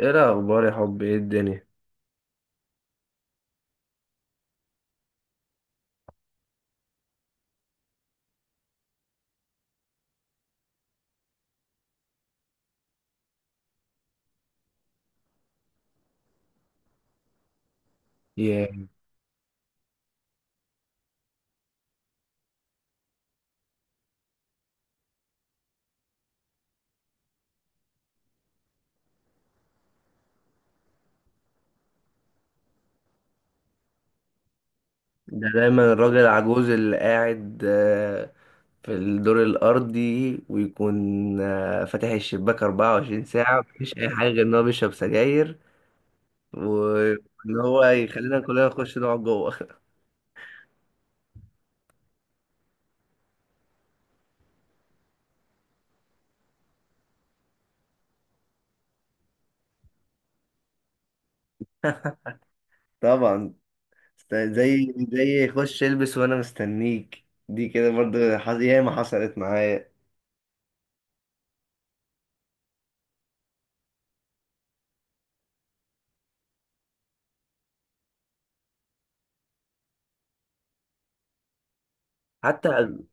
ايه الاخبار يا حب؟ ايه الدنيا؟ ياه. ده دايما الراجل العجوز اللي قاعد في الدور الارضي ويكون فاتح الشباك 24 ساعه، مفيش اي حاجه غير ان هو بيشرب سجاير وان هو يخلينا كلنا نخش نقعد جوه. طبعا. زي خش البس وانا مستنيك، دي كده برضه، ياما حصلت معايا. حتى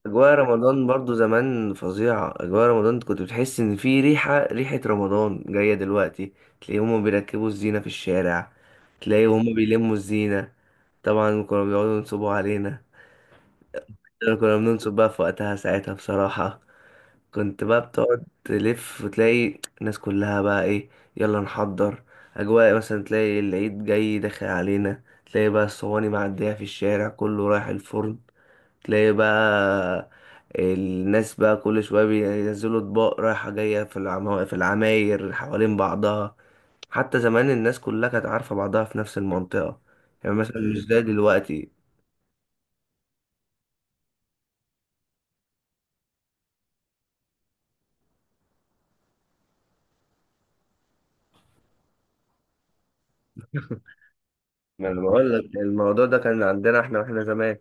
اجواء رمضان برضو زمان فظيعه. اجواء رمضان كنت بتحس ان في ريحه رمضان جايه دلوقتي. تلاقي هما بيركبوا الزينه في الشارع، تلاقي هما بيلموا الزينه. طبعا كانوا بيقعدوا ينصبوا علينا. احنا كنا بننصب بقى في وقتها ساعتها بصراحه. كنت بقى بتقعد تلف وتلاقي الناس كلها بقى ايه، يلا نحضر. اجواء مثلا تلاقي العيد جاي داخل علينا، تلاقي بقى الصواني معديه في الشارع كله رايح الفرن. تلاقي بقى الناس بقى كل شوية بينزلوا اطباق رايحة جاية في العماير حوالين بعضها. حتى زمان الناس كلها كانت عارفة بعضها في نفس المنطقة. يعني مثلا مش زي دلوقتي. ما انا بقول لك الموضوع ده كان عندنا احنا واحنا زمان.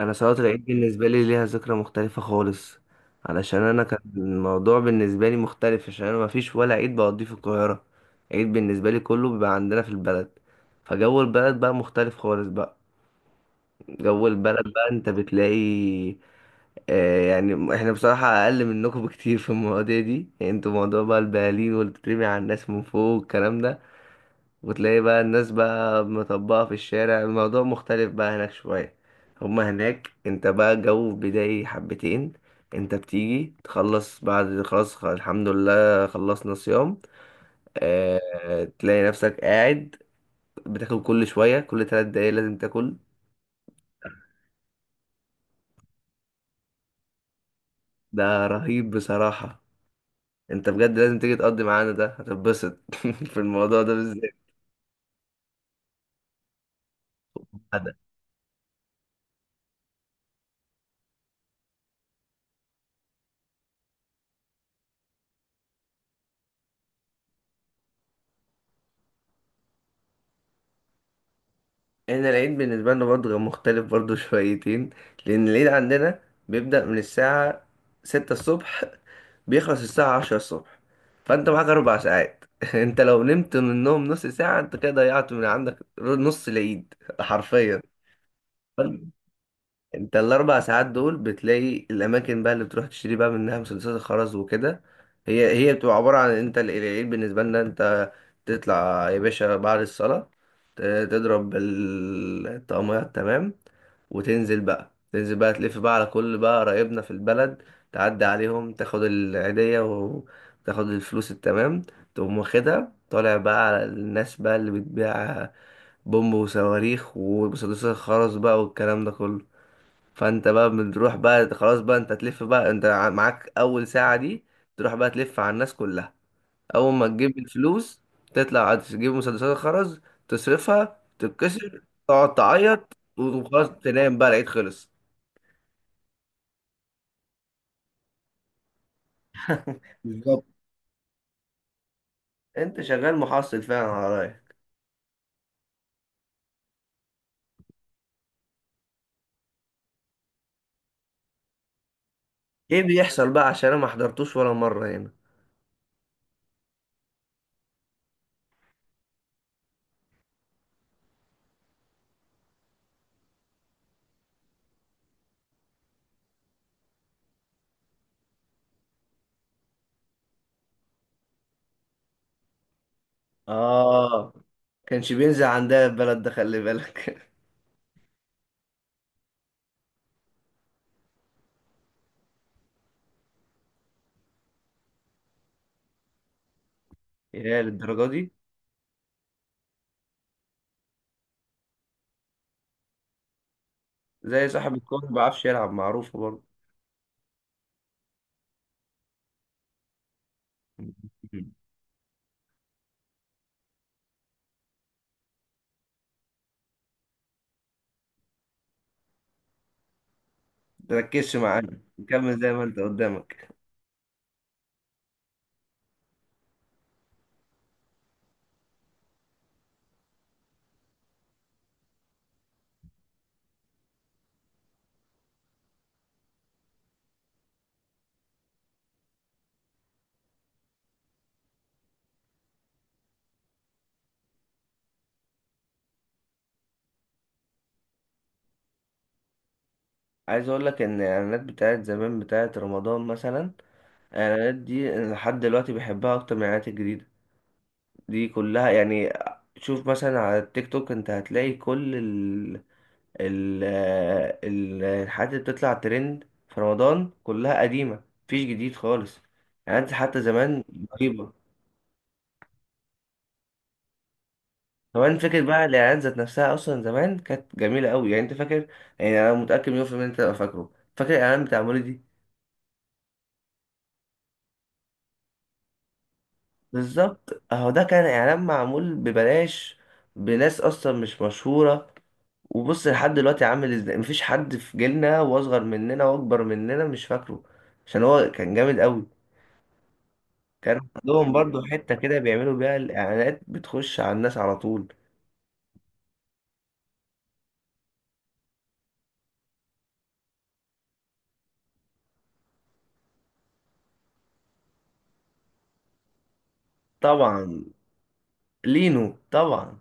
انا صلاة العيد بالنسبة لي ليها ذكرى مختلفة خالص، علشان انا كان الموضوع بالنسبة لي مختلف، عشان انا مفيش ولا عيد بقضيه في القاهرة. عيد بالنسبة لي كله بيبقى عندنا في البلد. فجو البلد بقى مختلف خالص بقى. جو البلد بقى انت بتلاقي. يعني احنا بصراحة اقل منكم بكتير في المواضيع دي. يعني انتوا موضوع بقى البلالين واللي بتترمي على الناس من فوق والكلام ده، وتلاقي بقى الناس بقى مطبقة في الشارع. الموضوع مختلف بقى هناك شوية. هما هناك انت بقى جو بداية حبتين. انت بتيجي تخلص بعد خلاص، الحمد لله خلصنا صيام. تلاقي نفسك قاعد بتاكل كل شوية، كل 3 دقايق لازم تاكل. ده رهيب بصراحة. انت بجد لازم تيجي تقضي معانا، ده هتتبسط. في الموضوع ده بالذات. هذا. احنا العيد بالنسبة لنا برضه كان مختلف برضه شويتين. لأن العيد عندنا بيبدأ من الساعة 6 الصبح، بيخلص الساعة 10 الصبح. فأنت معاك 4 ساعات. أنت لو نمت منهم نص ساعة أنت كده ضيعت من عندك نص العيد حرفيا. انت ال 4 ساعات دول بتلاقي الاماكن بقى اللي بتروح تشتري بقى منها مسدسات الخرز وكده. هي بتبقى عباره عن، انت العيد بالنسبه لنا، انت تطلع يا باشا بعد الصلاه، ت- تضرب الطقميات تمام. وتنزل بقى، تنزل بقى تلف بقى على كل بقى قرايبنا في البلد، تعدي عليهم تاخد العيديه وتاخد الفلوس التمام. تقوم واخدها طالع بقى على الناس بقى اللي بتبيع بومب وصواريخ ومسدسات الخرز بقى والكلام ده كله. فانت بقى بتروح بقى خلاص بقى، انت تلف بقى، انت معاك اول ساعة دي تروح بقى تلف على الناس كلها. اول ما تجيب الفلوس تطلع تجيب مسدسات الخرز، تصرفها تتكسر، تقعد تعيط وخلاص تنام بقى العيد خلص. بالظبط. انت شغال محصل فعلا على رايك. ايه بيحصل بقى؟ عشان انا ما حضرتوش ولا مرة هنا. اه كانش بينزل عندها البلد ده، خلي بالك. يا للدرجة دي. زي صاحب الكورة ما بيعرفش يلعب، معروفة برضه. تركزش معانا. كمل زي ما انت قدامك. عايز اقول لك ان الاعلانات بتاعت زمان بتاعت رمضان مثلا، الاعلانات دي أنا لحد دلوقتي بحبها اكتر من الاعلانات الجديده دي كلها يعني. شوف مثلا على التيك توك انت هتلاقي كل ال الحاجات اللي بتطلع ترند في رمضان كلها قديمه مفيش جديد خالص. اعلانات حتى زمان رهيبه. كمان فكرة بقى الإعلانات ذات نفسها أصلا زمان كانت جميلة أوي، يعني أنت فاكر. يعني أنا متأكد مليون في المية أنت تبقى فاكره. فاكر الإعلان بتاع مريدي؟ بالظبط اهو، ده كان اعلان معمول ببلاش بناس اصلا مش مشهوره. وبص لحد دلوقتي عامل ازاي، مفيش حد في جيلنا واصغر مننا واكبر مننا مش فاكره، عشان هو كان جامد قوي. كان عندهم برضو حته كده بيعملوا بيها الاعلانات بتخش على الناس على طول. طبعا، لينو طبعا.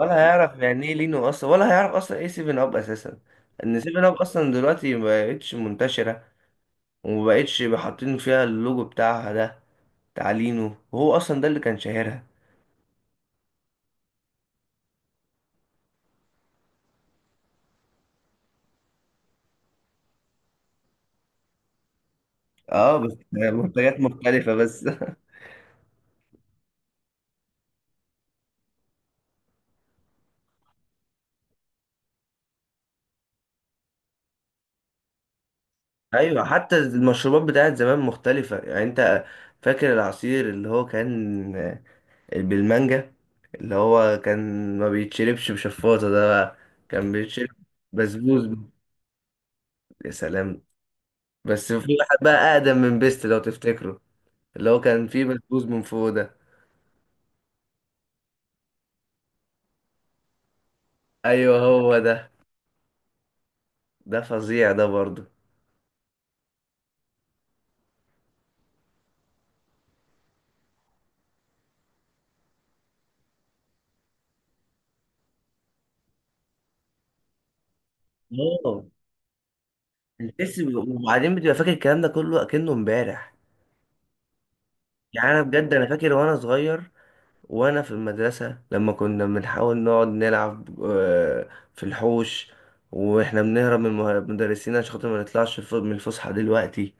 ولا هيعرف يعني ايه لينو اصلا، ولا هيعرف اصلا ايه سيفن اب اساسا. ان سيفن اب اصلا دلوقتي مبقتش منتشره ومبقتش حاطين فيها اللوجو بتاعها ده. تعليمه هو اصلا ده اللي كان شاهرها. اه بس منتجات مختلفة بس. ايوه. حتى المشروبات بتاعت زمان مختلفة، يعني انت فاكر العصير اللي هو كان بالمانجا، اللي هو كان ما بيتشربش بشفاطة ده بقى، كان بيتشرب بسبوس؟ يا سلام. بس في واحد بقى اقدم من بيست لو تفتكره، اللي هو كان فيه بسبوس من فوق ده. ايوه هو ده. ده فظيع ده برضه. اه البس، وبعدين بتبقى فاكر الكلام ده كله اكنه امبارح. يعني انا بجد انا فاكر وانا صغير وانا في المدرسه، لما كنا بنحاول نقعد نلعب في الحوش، واحنا بنهرب من المدرسين عشان خاطر ما نطلعش من الفسحه دلوقتي،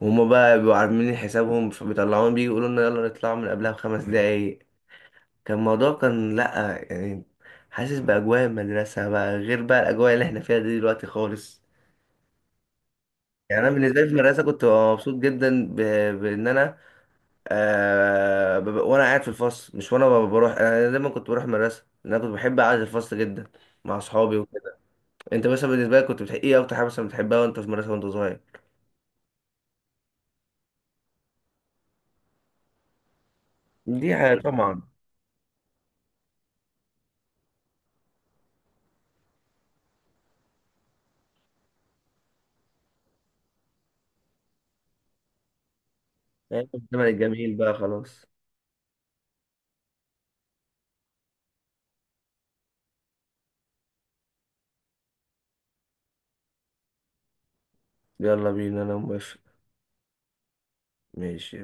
وهما بقى بيبقوا عاملين حسابهم فبيطلعونا، بيجي يقولوا لنا يلا نطلع من قبلها بـ 5 دقايق. كان الموضوع كان لأ يعني. حاسس بأجواء المدرسة بقى غير بقى الأجواء اللي احنا فيها دي دلوقتي خالص. يعني أنا بالنسبة لي في المدرسة كنت ببقى مبسوط جدا بإن أنا وانا قاعد في الفصل، مش وانا بروح، انا دايما كنت بروح المدرسه لأن انا كنت بحب قعده الفصل جدا مع اصحابي وكده. انت مثلا بالنسبه لك كنت بتحب ايه اكتر حاجه مثلا بتحبها وانت في المدرسه وانت صغير؟ دي حاجه طبعا. الزمن الجميل بقى خلاص. يلا بينا انا موافق. ماشي.